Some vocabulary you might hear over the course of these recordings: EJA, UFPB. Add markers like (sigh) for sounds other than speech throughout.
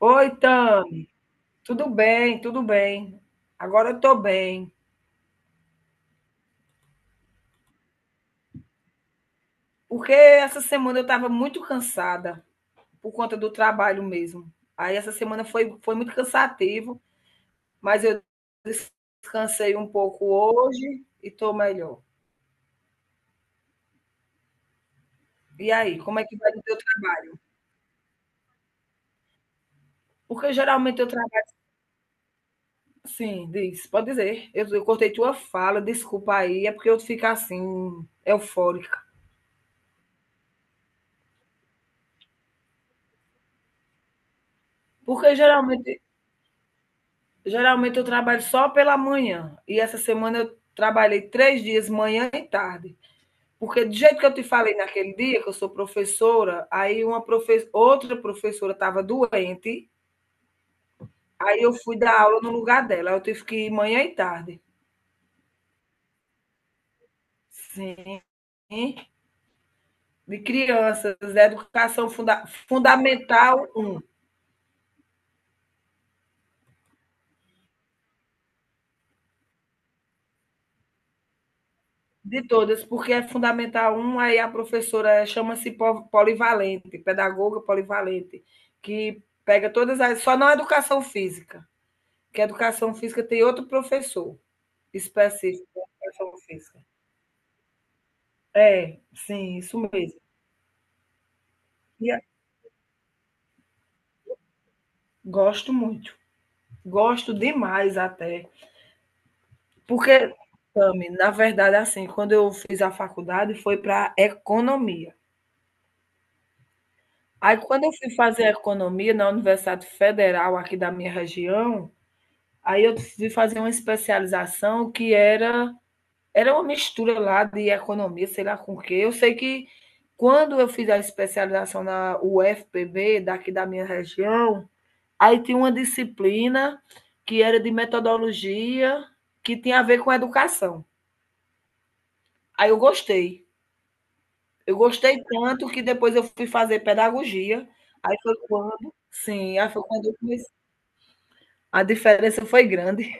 Oi, Tam. Tudo bem, tudo bem. Agora eu tô bem. Porque essa semana eu estava muito cansada por conta do trabalho mesmo. Aí essa semana foi muito cansativo, mas eu descansei um pouco hoje e tô melhor. E aí, como é que vai o teu trabalho? Porque geralmente eu trabalho assim, diz, pode dizer. Eu cortei tua fala, desculpa aí, é porque eu fico assim, eufórica. Porque geralmente Geralmente eu trabalho só pela manhã. E essa semana eu trabalhei 3 dias, manhã e tarde. Porque do jeito que eu te falei naquele dia, que eu sou professora, aí outra professora estava doente, aí eu fui dar aula no lugar dela. Eu tive que ir manhã e tarde. Sim. De crianças, fundamental um. De todas, porque é fundamental um, aí a professora chama-se polivalente, pedagoga polivalente, que pega todas as. Só não a educação física, que a educação física tem outro professor específico da educação física. É, sim, isso mesmo. E a- Gosto muito, gosto demais até. Porque, Tami, na verdade, assim, quando eu fiz a faculdade foi para economia. Aí, quando eu fui fazer economia na Universidade Federal aqui da minha região, aí eu decidi fazer uma especialização que era uma mistura lá de economia, sei lá com o quê. Eu sei que quando eu fiz a especialização na UFPB, daqui da minha região, aí tinha uma disciplina que era de metodologia que tinha a ver com educação. Aí eu gostei. Eu gostei tanto que depois eu fui fazer pedagogia. Sim, aí foi quando eu comecei. A diferença foi grande.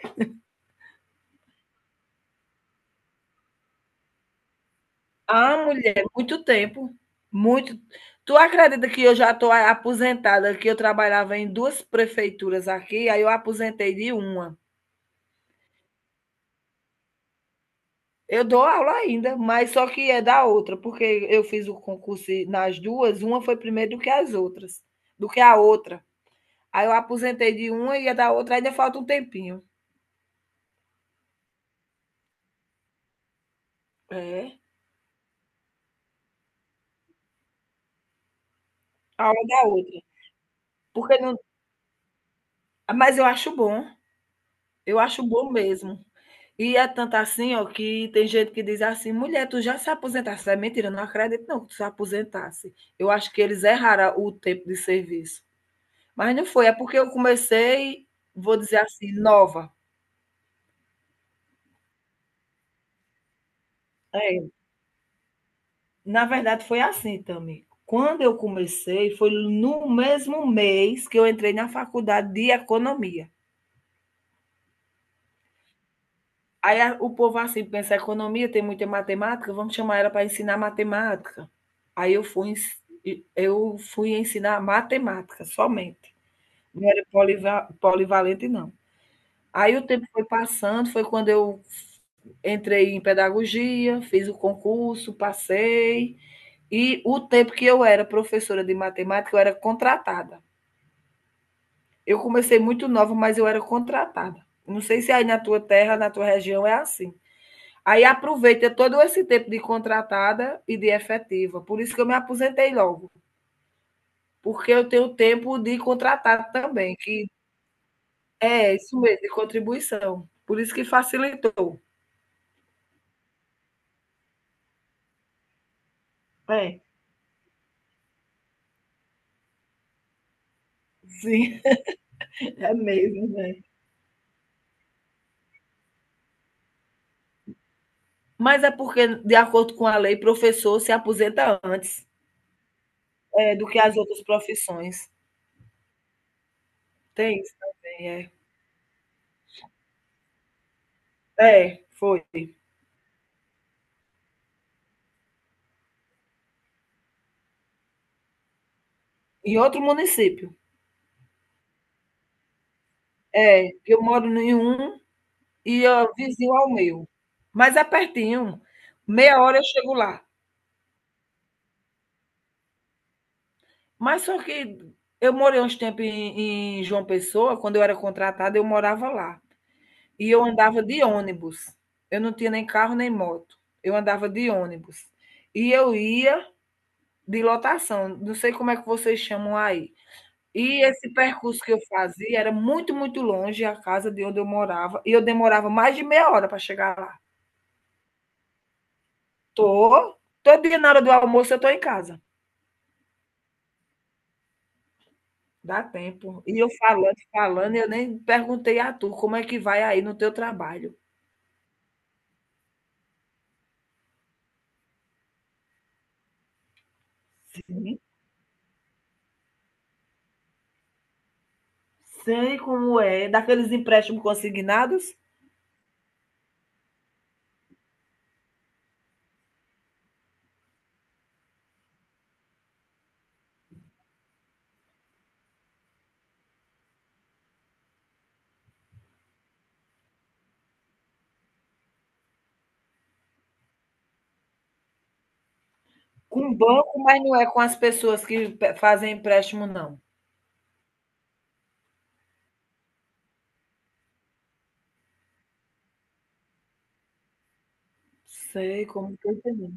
Ah, mulher, muito tempo. Muito. Tu acredita que eu já estou aposentada, que eu trabalhava em duas prefeituras aqui, aí eu aposentei de uma. Eu dou aula ainda, mas só que é da outra, porque eu fiz o concurso nas duas, uma foi primeiro do que as outras, do que a outra. Aí eu aposentei de uma e a da outra ainda falta um tempinho. É, a aula da outra. Porque não, mas eu acho bom mesmo. E é tanto assim, ó, que tem gente que diz assim: mulher, tu já se aposentasse. É mentira, eu não acredito não que tu se aposentasse. Eu acho que eles erraram o tempo de serviço. Mas não foi, é porque eu comecei, vou dizer assim, nova. É, na verdade foi assim, também. Quando eu comecei, foi no mesmo mês que eu entrei na faculdade de economia. Aí o povo assim pensa, economia tem muita matemática, vamos chamar ela para ensinar matemática. Aí eu fui ensinar matemática somente. Não era polivalente, não. Aí o tempo foi passando, foi quando eu entrei em pedagogia, fiz o concurso, passei. E o tempo que eu era professora de matemática, eu era contratada. Eu comecei muito nova, mas eu era contratada. Não sei se aí na tua terra, na tua região é assim. Aí aproveita todo esse tempo de contratada e de efetiva. Por isso que eu me aposentei logo, porque eu tenho tempo de contratado também, que é isso mesmo, de contribuição. Por isso que facilitou. É, sim, (laughs) é mesmo, né? Mas é porque, de acordo com a lei, professor se aposenta antes do que as outras profissões. Tem isso também, é. É, foi. Em outro município. É, que eu moro em um. E é vizinho ao meu, mas é pertinho, meia hora eu chego lá. Mas só que eu morei uns tempos em João Pessoa, quando eu era contratada eu morava lá, e eu andava de ônibus, eu não tinha nem carro nem moto, eu andava de ônibus. E eu ia de lotação, não sei como é que vocês chamam aí. E esse percurso que eu fazia era muito, muito longe a casa de onde eu morava, e eu demorava mais de meia hora para chegar lá. Tô, todo dia na hora do almoço eu tô em casa. Dá tempo. E eu falando, falando, eu nem perguntei a tu como é que vai aí no teu trabalho. Sim, sei como é. Daqueles empréstimos consignados? Com banco, mas não é com as pessoas que fazem empréstimo, não. Sei como tô entendendo.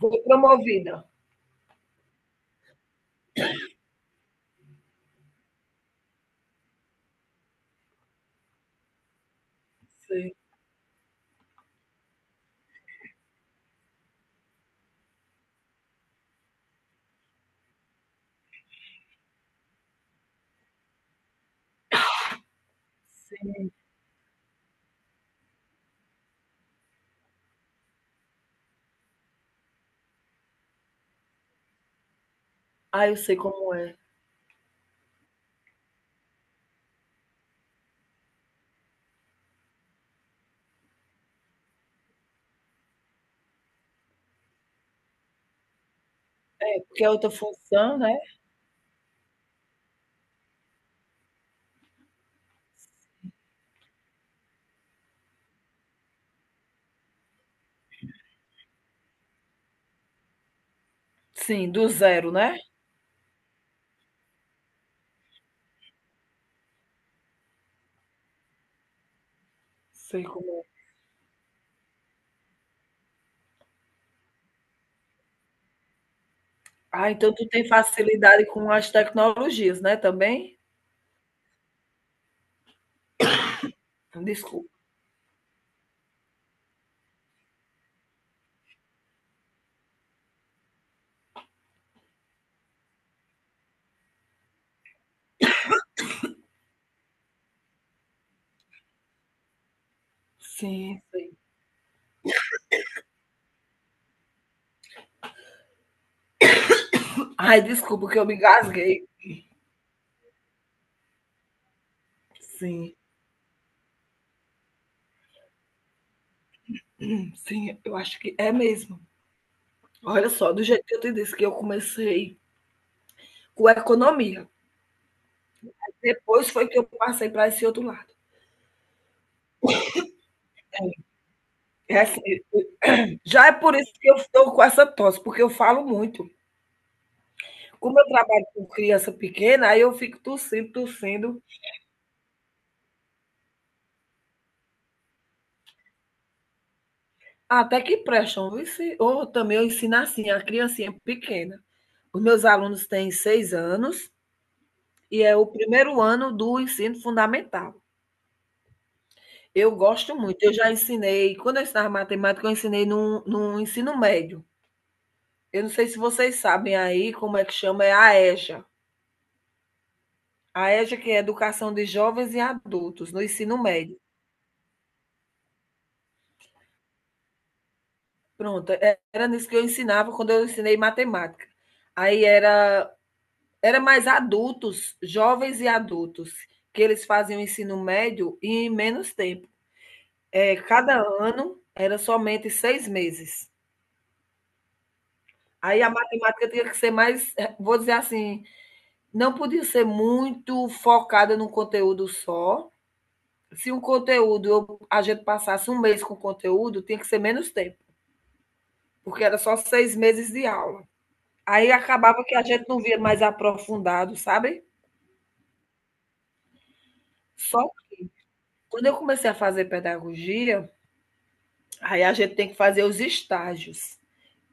Foi promovida. Sei, sim. Ah, eu sei como é. Porque é outra função, né? Sim, do zero, né? Sei como é. Ah, então tu tem facilidade com as tecnologias, né, também? Desculpa. Sim, sei. Ai, desculpa que eu me engasguei. Sim, sim, eu acho que é mesmo. Olha só, do jeito que eu te disse que eu comecei com economia, depois foi que eu passei para esse outro lado. É assim, já é por isso que eu estou com essa tosse, porque eu falo muito. Como eu trabalho com criança pequena, aí eu fico tossindo, tossindo, até que prestam. Ou também eu ensino assim, a criancinha pequena. Os meus alunos têm 6 anos e é o primeiro ano do ensino fundamental. Eu gosto muito, eu já ensinei quando eu ensinava matemática, eu ensinei num ensino médio. Eu não sei se vocês sabem aí como é que chama, é a EJA. A EJA que é Educação de Jovens e Adultos no ensino médio. Pronto, e era nisso que eu ensinava quando eu ensinei matemática. Aí era mais adultos, jovens e adultos, que eles faziam o ensino médio em menos tempo. É cada ano era somente 6 meses. Aí a matemática tinha que ser mais, vou dizer assim, não podia ser muito focada num conteúdo só. Se um conteúdo, a gente passasse um mês com o conteúdo, tinha que ser menos tempo, porque era só 6 meses de aula. Aí acabava que a gente não via mais aprofundado, sabe? Só quando eu comecei a fazer pedagogia, aí a gente tem que fazer os estágios.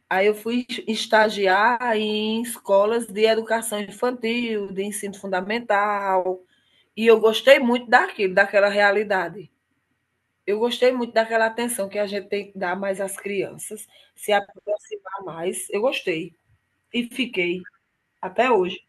Aí eu fui estagiar em escolas de educação infantil, de ensino fundamental, e eu gostei muito daquilo, daquela realidade. Eu gostei muito daquela atenção que a gente tem que dar mais às crianças, se aproximar mais. Eu gostei e fiquei até hoje.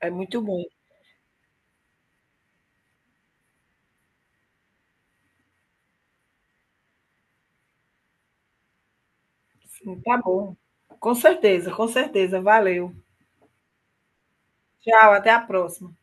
É muito bom. Sim, tá bom. Com certeza, com certeza. Valeu. Tchau, até a próxima.